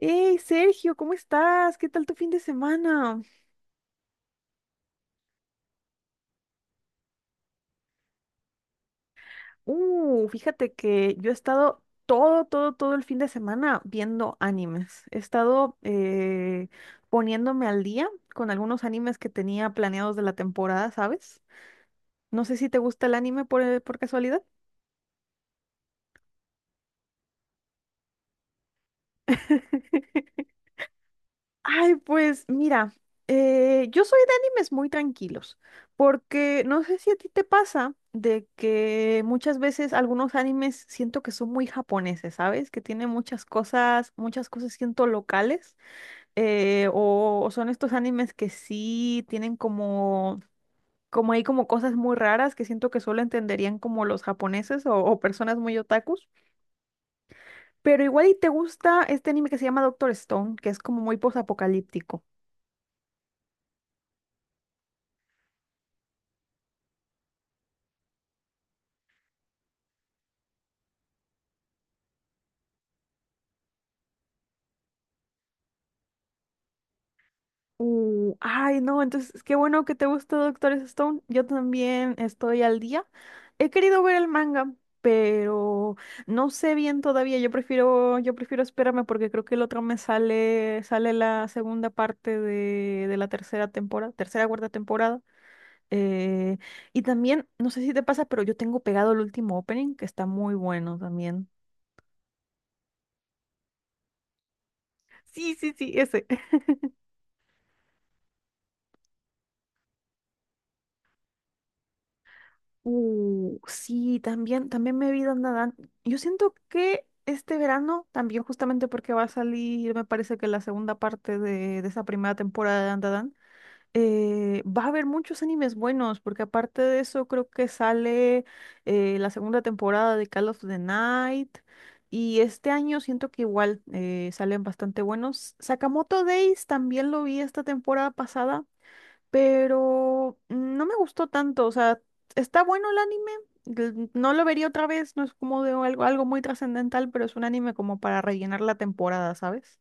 Hey Sergio, ¿cómo estás? ¿Qué tal tu fin de semana? Fíjate que yo he estado todo el fin de semana viendo animes. He estado poniéndome al día con algunos animes que tenía planeados de la temporada, ¿sabes? No sé si te gusta el anime por casualidad. Ay, pues mira, yo soy de animes muy tranquilos, porque no sé si a ti te pasa de que muchas veces algunos animes siento que son muy japoneses, ¿sabes? Que tienen muchas cosas siento locales, o son estos animes que sí tienen como, como hay como cosas muy raras que siento que solo entenderían como los japoneses o personas muy otakus, pero igual y te gusta este anime que se llama Doctor Stone, que es como muy posapocalíptico. Ay, no, entonces qué bueno que te gustó Doctor Stone. Yo también estoy al día. He querido ver el manga, pero no sé bien todavía. Yo prefiero esperarme porque creo que el otro me sale la segunda parte de la tercera temporada, tercera, cuarta temporada. Eh, y también, no sé si te pasa, pero yo tengo pegado el último opening que está muy bueno también. Sí, sí, sí, ese. Sí, también, también me vi Dandadan. Yo siento que este verano, también justamente porque va a salir, me parece que la segunda parte de esa primera temporada de Dandadan, va a haber muchos animes buenos, porque aparte de eso creo que sale la segunda temporada de Call of the Night, y este año siento que igual salen bastante buenos. Sakamoto Days también lo vi esta temporada pasada pero no me gustó tanto, o sea, está bueno el anime, no lo vería otra vez, no es como de algo, algo muy trascendental, pero es un anime como para rellenar la temporada, ¿sabes?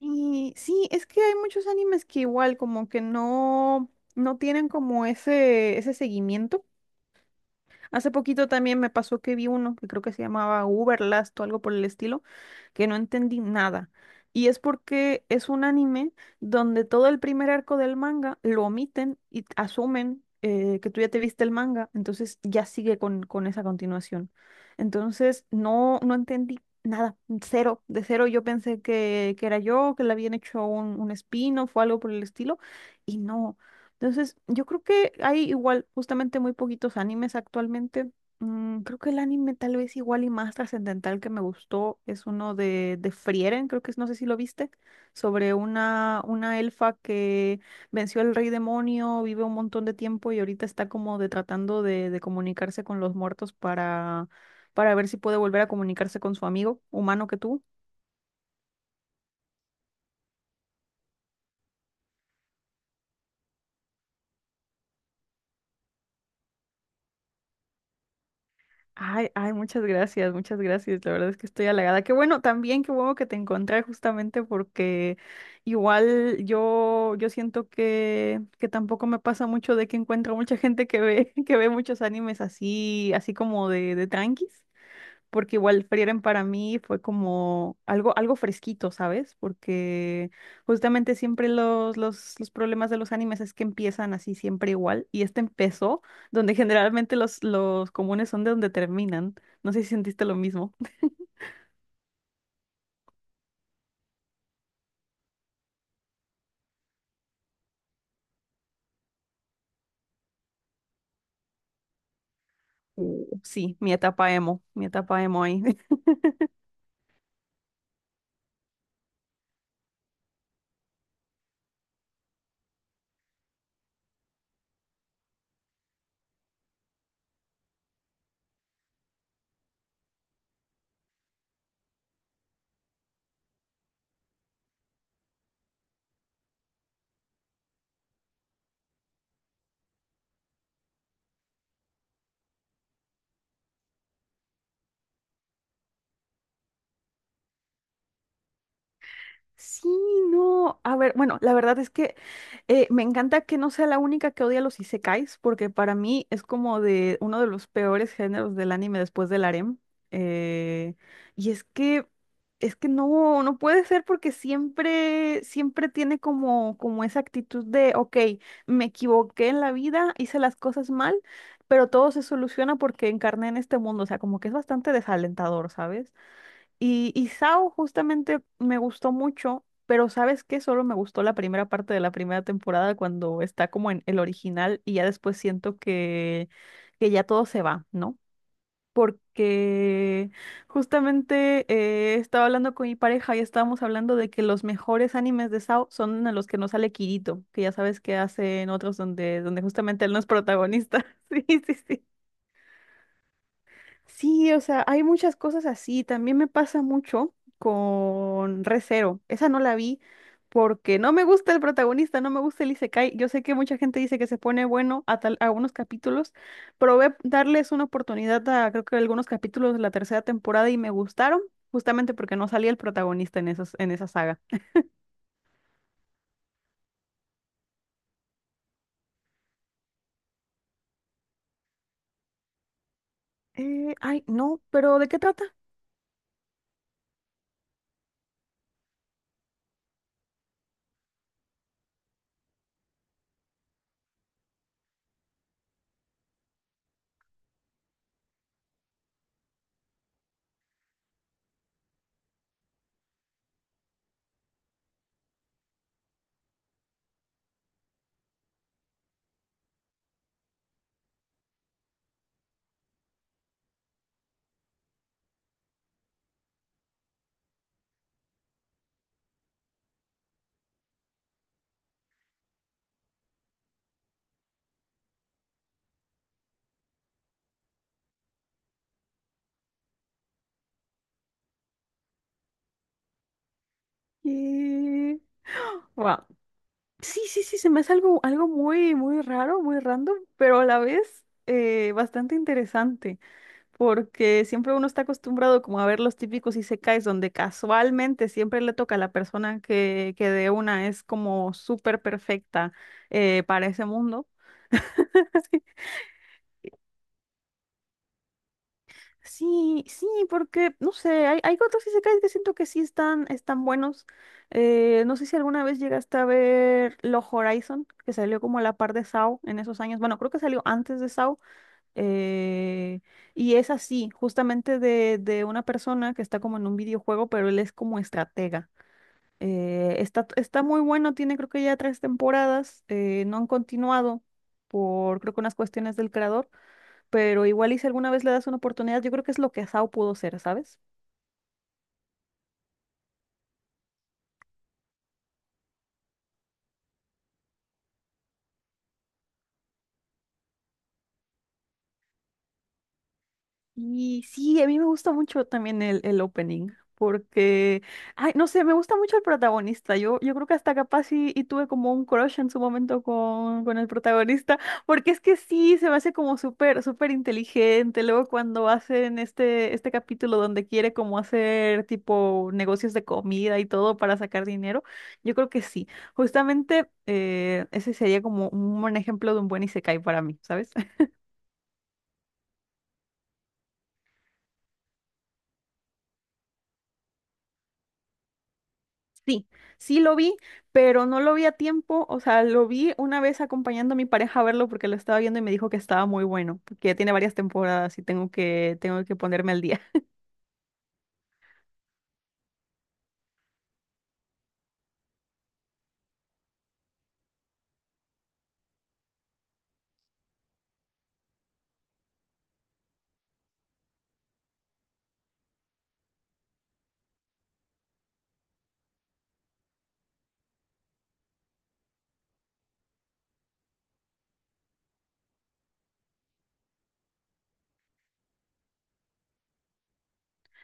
Y sí, es que hay muchos animes que igual como que no, no tienen como ese seguimiento. Hace poquito también me pasó que vi uno que creo que se llamaba Uberlast o algo por el estilo, que no entendí nada. Y es porque es un anime donde todo el primer arco del manga lo omiten y asumen que tú ya te viste el manga, entonces ya sigue con esa continuación. Entonces no, no entendí nada, cero, de cero yo pensé que era yo, que le habían hecho un spin-off o algo por el estilo, y no, entonces, yo creo que hay igual justamente muy poquitos animes actualmente. Creo que el anime tal vez igual y más trascendental que me gustó es uno de Frieren, creo que es, no sé si lo viste, sobre una elfa que venció al rey demonio, vive un montón de tiempo y ahorita está como de tratando de comunicarse con los muertos para ver si puede volver a comunicarse con su amigo humano que tuvo. Ay, ay, muchas gracias, muchas gracias. La verdad es que estoy halagada. Qué bueno también, qué bueno que te encontré justamente porque igual yo, yo siento que tampoco me pasa mucho de que encuentro mucha gente que ve, que ve muchos animes así, así como de tranquis porque igual Frieren para mí fue como algo, algo fresquito, ¿sabes? Porque justamente siempre los problemas de los animes es que empiezan así siempre igual, y este empezó donde generalmente los comunes son de donde terminan. No sé si sentiste lo mismo. Sí, mi etapa emo ahí. Sí, no. A ver, bueno, la verdad es que me encanta que no sea la única que odia los isekais, porque para mí es como de uno de los peores géneros del anime después del harem. Eh, y es que no, no puede ser porque siempre, siempre tiene como, como esa actitud de, ok, me equivoqué en la vida, hice las cosas mal, pero todo se soluciona porque encarné en este mundo. O sea, como que es bastante desalentador, ¿sabes? Y Sao justamente me gustó mucho, pero ¿sabes qué? Solo me gustó la primera parte de la primera temporada cuando está como en el original y ya después siento que ya todo se va, ¿no? Porque justamente estaba hablando con mi pareja y estábamos hablando de que los mejores animes de Sao son en los que no sale Kirito, que ya sabes que hacen otros donde, donde justamente él no es protagonista. Sí, sí, sí. Sí, o sea, hay muchas cosas así. También me pasa mucho con Re:Zero. Esa no la vi porque no me gusta el protagonista, no me gusta el Isekai. Yo sé que mucha gente dice que se pone bueno a tal, a algunos capítulos. Probé darles una oportunidad a creo que algunos capítulos de la tercera temporada y me gustaron, justamente porque no salía el protagonista en esos, en esa saga. Ay, no, pero ¿de qué trata? Eh, Sí, sí, sí, se me hace algo, algo muy, muy raro, muy random, pero a la vez bastante interesante, porque siempre uno está acostumbrado como a ver los típicos isekais donde casualmente siempre le toca a la persona que de una es como súper perfecta para ese mundo. Sí, sí, porque, no sé, hay otros isekais que siento que sí están, están buenos. No sé si alguna vez llegaste a ver Log Horizon, que salió como a la par de SAO en esos años. Bueno, creo que salió antes de SAO. eh, y es así, justamente de una persona que está como en un videojuego, pero él es como estratega. Está, está muy bueno, tiene creo que ya tres temporadas, no han continuado por creo que unas cuestiones del creador pero igual y si alguna vez le das una oportunidad, yo creo que es lo que Sao pudo ser, ¿sabes? Y sí, a mí me gusta mucho también el opening, porque, ay, no sé, me gusta mucho el protagonista. Yo creo que hasta capaz y tuve como un crush en su momento con el protagonista, porque es que sí, se me hace como súper, súper inteligente. Luego cuando hacen este, este capítulo donde quiere como hacer tipo negocios de comida y todo para sacar dinero, yo creo que sí. Justamente ese sería como un buen ejemplo de un buen isekai para mí, ¿sabes? Sí, sí lo vi, pero no lo vi a tiempo, o sea, lo vi una vez acompañando a mi pareja a verlo porque lo estaba viendo y me dijo que estaba muy bueno, que tiene varias temporadas y tengo que ponerme al día.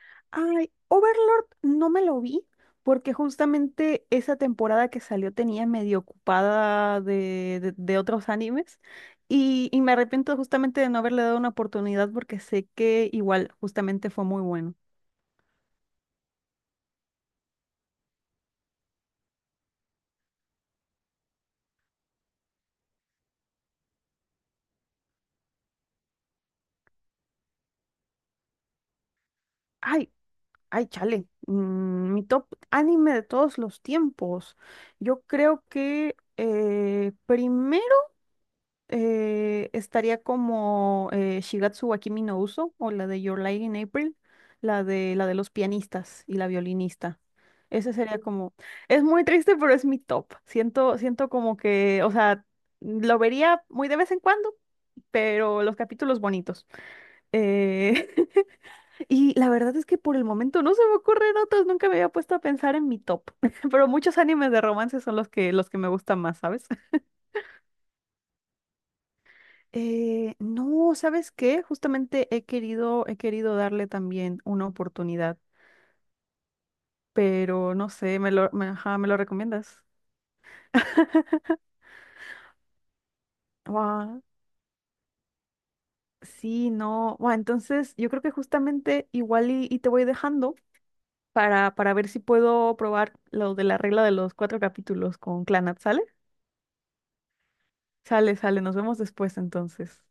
Ay, Overlord no me lo vi porque justamente esa temporada que salió tenía medio ocupada de otros animes y me arrepiento justamente de no haberle dado una oportunidad porque sé que igual justamente fue muy bueno. Ay, ay, chale. Mi top anime de todos los tiempos. Yo creo que primero estaría como Shigatsu wa Kimi no Uso o la de Your Lie in April, la de los pianistas y la violinista. Ese sería como... Es muy triste, pero es mi top. Siento, siento como que, o sea, lo vería muy de vez en cuando, pero los capítulos bonitos. Eh, Y la verdad es que por el momento no se me ocurren otros, nunca me había puesto a pensar en mi top, pero muchos animes de romance son los que me gustan más, ¿sabes? No, ¿sabes qué? Justamente he querido darle también una oportunidad, pero no sé, ajá, ¿me lo recomiendas? Guau, sí, no. Guau, entonces yo creo que justamente igual y te voy dejando para ver si puedo probar lo de la regla de los cuatro capítulos con Clanat, ¿sale? Sale, sale, nos vemos después entonces.